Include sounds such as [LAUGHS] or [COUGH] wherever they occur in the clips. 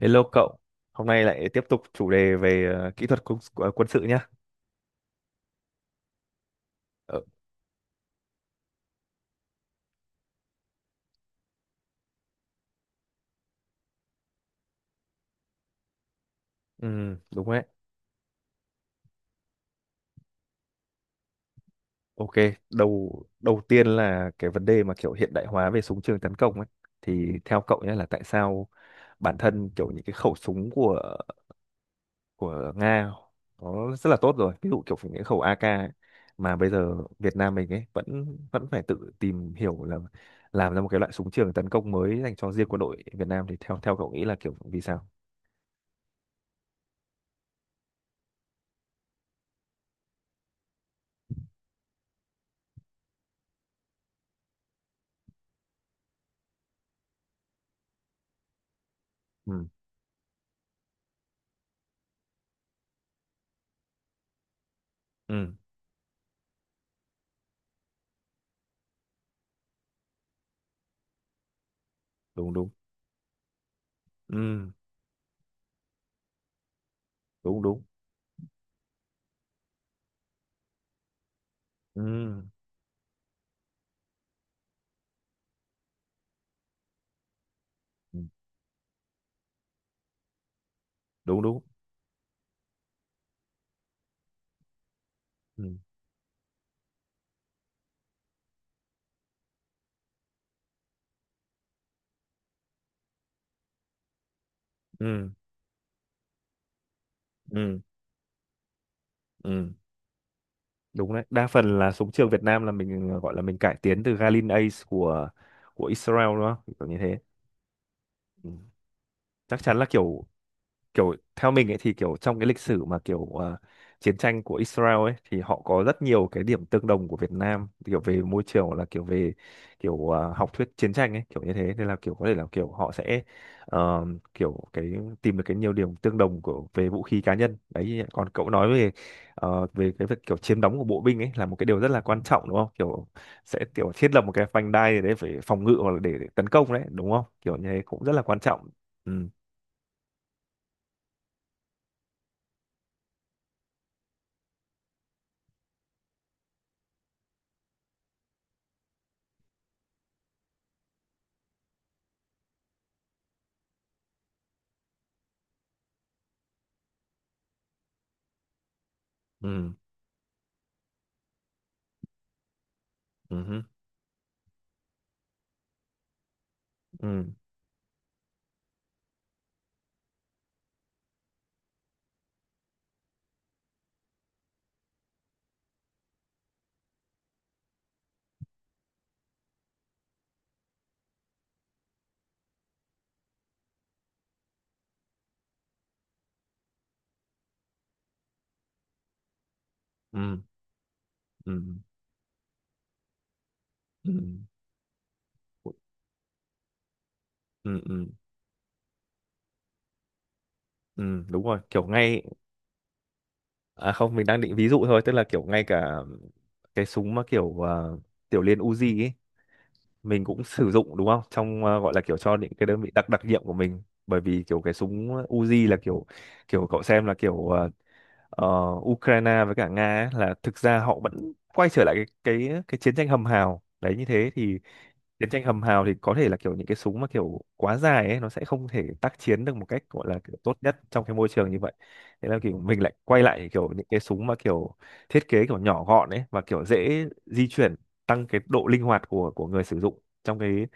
Hello cậu, hôm nay lại tiếp tục chủ đề về kỹ thuật quân sự nhá. Ờ, đúng đấy. Ok, đầu đầu tiên là cái vấn đề mà kiểu hiện đại hóa về súng trường tấn công ấy. Thì theo cậu nhé là tại sao bản thân kiểu những cái khẩu súng của Nga nó rất là tốt rồi. Ví dụ kiểu những cái khẩu AK ấy, mà bây giờ Việt Nam mình ấy vẫn vẫn phải tự tìm hiểu là làm ra một cái loại súng trường tấn công mới dành cho riêng quân đội Việt Nam thì theo theo cậu nghĩ là kiểu vì sao? Ừ, ừ, đúng, đúng. Ừ, đúng, đúng. Ừ, ừ, đúng, đúng. Ừ, ừ, ừ, ừ, đúng đấy. Đa phần là súng trường Việt Nam là mình gọi là mình cải tiến từ Galil Ace của Israel đúng không kiểu như thế. Ừ. Chắc chắn là kiểu kiểu theo mình ấy thì kiểu trong cái lịch sử mà kiểu chiến tranh của Israel ấy thì họ có rất nhiều cái điểm tương đồng của Việt Nam kiểu về môi trường hoặc là kiểu về kiểu học thuyết chiến tranh ấy kiểu như thế nên là kiểu có thể là kiểu họ sẽ ờ, kiểu cái tìm được cái nhiều điểm tương đồng của về vũ khí cá nhân đấy. Còn cậu nói về về cái việc kiểu chiếm đóng của bộ binh ấy là một cái điều rất là quan trọng đúng không, kiểu sẽ kiểu thiết lập một cái vành đai để phòng ngự hoặc là để tấn công đấy, đúng không kiểu như thế cũng rất là quan trọng. Ừ. Ừ. Ừ. Ừ. Ừ. Ừ. Ừ. Ừ. Ừ. Ừ, đúng rồi kiểu ngay. À không, mình đang định ví dụ thôi, tức là kiểu ngay cả cái súng mà kiểu tiểu liên Uzi ấy mình cũng [LAUGHS] sử dụng đúng không, trong gọi là kiểu cho những cái đơn vị đặc đặc nhiệm của mình. Bởi vì kiểu cái súng Uzi là kiểu kiểu cậu xem là kiểu ờ, Ukraine với cả Nga ấy, là thực ra họ vẫn quay trở lại cái chiến tranh hầm hào đấy như thế thì chiến tranh hầm hào thì có thể là kiểu những cái súng mà kiểu quá dài ấy nó sẽ không thể tác chiến được một cách gọi là kiểu tốt nhất trong cái môi trường như vậy. Thế là kiểu mình lại quay lại kiểu những cái súng mà kiểu thiết kế kiểu nhỏ gọn ấy và kiểu dễ di chuyển, tăng cái độ linh hoạt của người sử dụng trong cái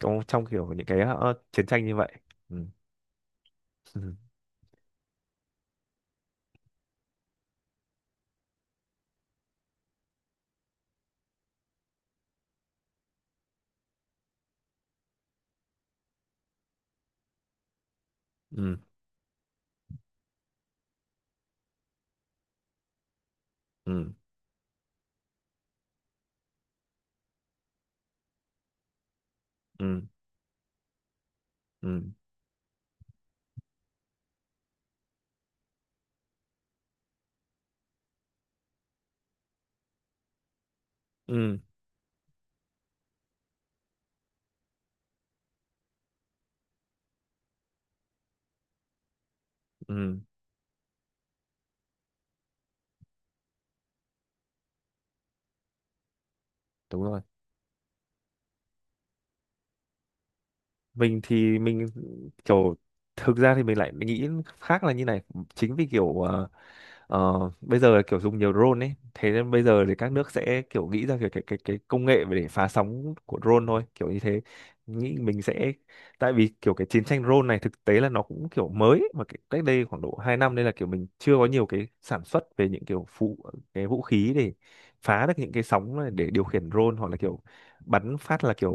trong trong kiểu những cái chiến tranh như vậy. Ừ. [LAUGHS] Ừ. Ừ. Ừ. Ừ. Ừ. Ừ. Ừ. Đúng rồi, mình thì mình kiểu thực ra thì mình lại nghĩ khác là như này. Chính vì kiểu bây giờ là kiểu dùng nhiều drone ấy thế nên bây giờ thì các nước sẽ kiểu nghĩ ra kiểu cái công nghệ để phá sóng của drone thôi kiểu như thế. Nghĩ mình sẽ tại vì kiểu cái chiến tranh drone này thực tế là nó cũng kiểu mới ấy, mà cái, cách đây khoảng độ 2 năm nên là kiểu mình chưa có nhiều cái sản xuất về những kiểu phụ cái vũ khí để phá được những cái sóng này để điều khiển drone hoặc là kiểu bắn phát là kiểu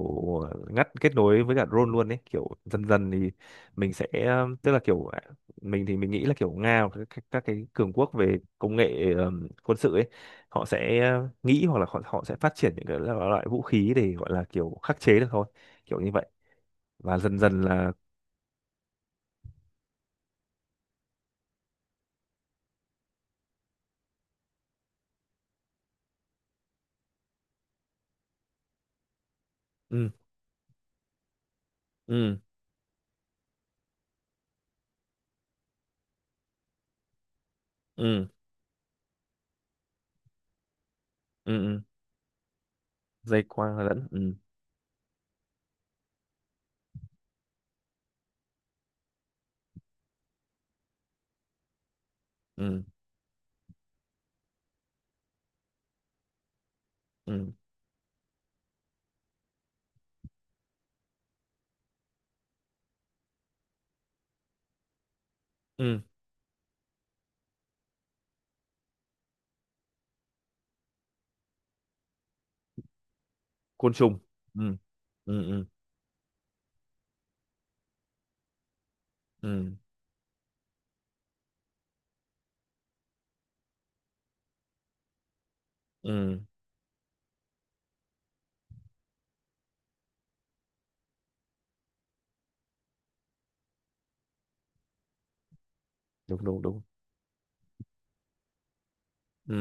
ngắt kết nối với cả drone luôn ấy kiểu dần dần thì mình sẽ tức là kiểu mình thì mình nghĩ là kiểu Nga hoặc các cái cường quốc về công nghệ quân sự ấy họ sẽ nghĩ hoặc là họ sẽ phát triển những cái loại vũ khí để gọi là kiểu khắc chế được thôi kiểu như vậy và dần dần là. Ừ, ừ, ừ, ừ, ừ. Dây quang lẫn. Ừ. Ừ. Ừ. Ừ. Côn trùng. Ừ. Ừ. Ừ. Ừ. Ừ, đúng, đúng, đúng. Ừ,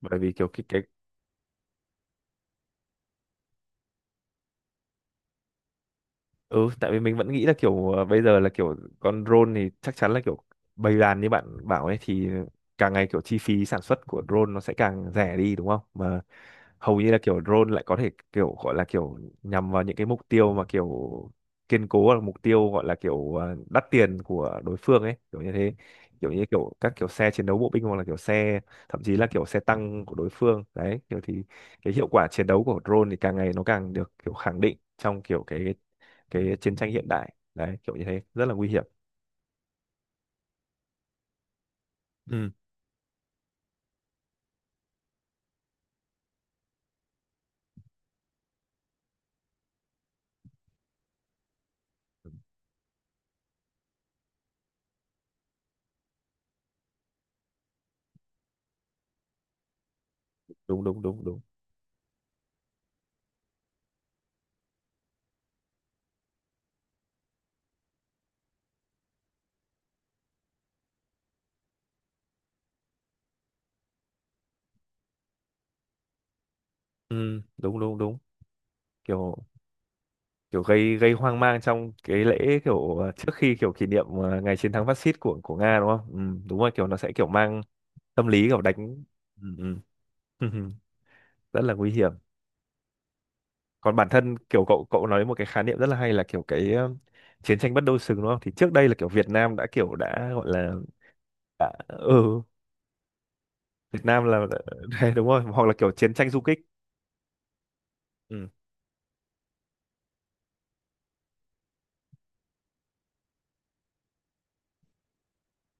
bởi vì kiểu cái. Ừ, tại vì mình vẫn nghĩ là kiểu bây giờ là kiểu con drone thì chắc chắn là kiểu bầy đàn như bạn bảo ấy thì càng ngày kiểu chi phí sản xuất của drone nó sẽ càng rẻ đi đúng không mà hầu như là kiểu drone lại có thể kiểu gọi là kiểu nhằm vào những cái mục tiêu mà kiểu kiên cố hoặc là mục tiêu gọi là kiểu đắt tiền của đối phương ấy kiểu như thế, kiểu như kiểu các kiểu xe chiến đấu bộ binh hoặc là kiểu xe thậm chí là kiểu xe tăng của đối phương đấy kiểu thì cái hiệu quả chiến đấu của drone thì càng ngày nó càng được kiểu khẳng định trong kiểu cái chiến tranh hiện đại đấy kiểu như thế rất là nguy hiểm. Ừ, đúng, đúng, đúng, đúng. Ừ, đúng, đúng, đúng. Kiểu kiểu gây gây hoang mang trong cái lễ kiểu trước khi kiểu kỷ niệm ngày chiến thắng phát xít của Nga đúng không. Ừ, đúng rồi kiểu nó sẽ kiểu mang tâm lý kiểu đánh. Ừ, ừ. [LAUGHS] Rất là nguy hiểm. Còn bản thân kiểu cậu cậu nói một cái khái niệm rất là hay là kiểu cái chiến tranh bất đối xứng đúng không, thì trước đây là kiểu Việt Nam đã kiểu đã gọi là đã. Ừ. Việt Nam là. [LAUGHS] Đấy, đúng rồi hoặc là kiểu chiến tranh du kích. Ừ,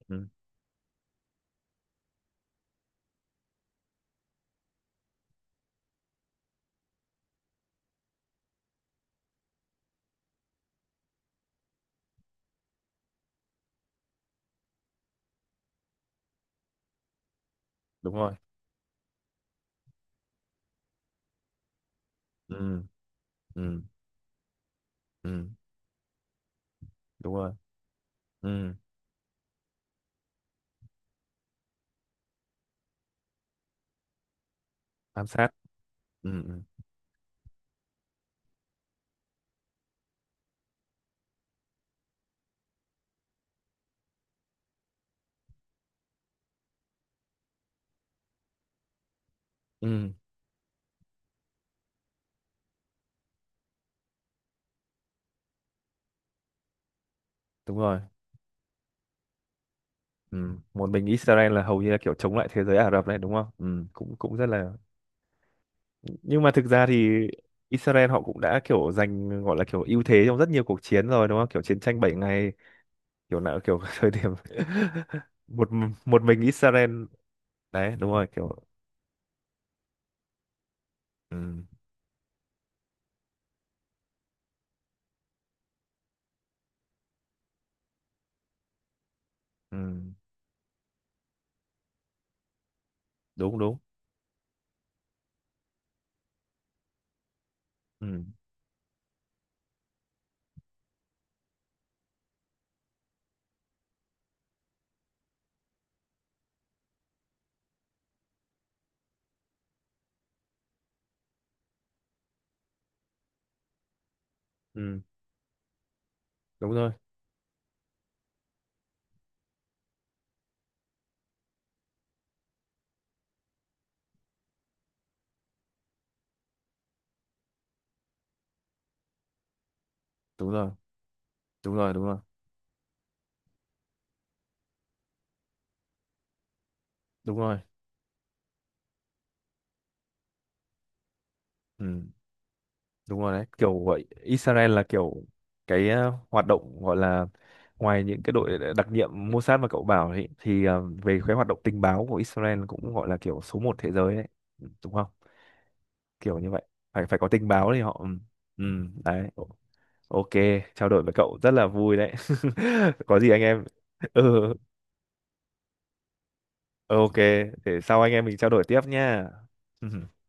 ừ, đúng rồi. Ừ. Ừ. Ừ, đúng rồi. Ừ. Ám sát. Ừ. Ừ. Ừ, đúng rồi. Ừ. Một mình Israel là hầu như là kiểu chống lại thế giới Ả Rập này đúng không. Ừ, cũng cũng rất là. Nhưng mà thực ra thì Israel họ cũng đã kiểu giành gọi là kiểu ưu thế trong rất nhiều cuộc chiến rồi đúng không, kiểu chiến tranh 6 ngày kiểu nào kiểu [LAUGHS] thời điểm một một mình Israel. Đấy, đúng rồi kiểu. Ừ. Ừ, đúng, đúng. Ừ. Ừ, đúng rồi. Đúng rồi. Đúng rồi. Đúng rồi. Đúng rồi. Đúng rồi đấy, kiểu gọi Israel là kiểu cái hoạt động gọi là ngoài những cái đội đặc nhiệm Mossad mà cậu bảo ấy thì về cái hoạt động tình báo của Israel cũng gọi là kiểu số một thế giới đấy. Ừ, đúng không? Kiểu như vậy, phải phải có tình báo thì họ. Ừ, ừ, đấy. Ok, trao đổi với cậu rất là vui đấy. [LAUGHS] Có gì anh em. Ừ, ừ, ok, để sau anh em mình trao đổi tiếp nha. [LAUGHS]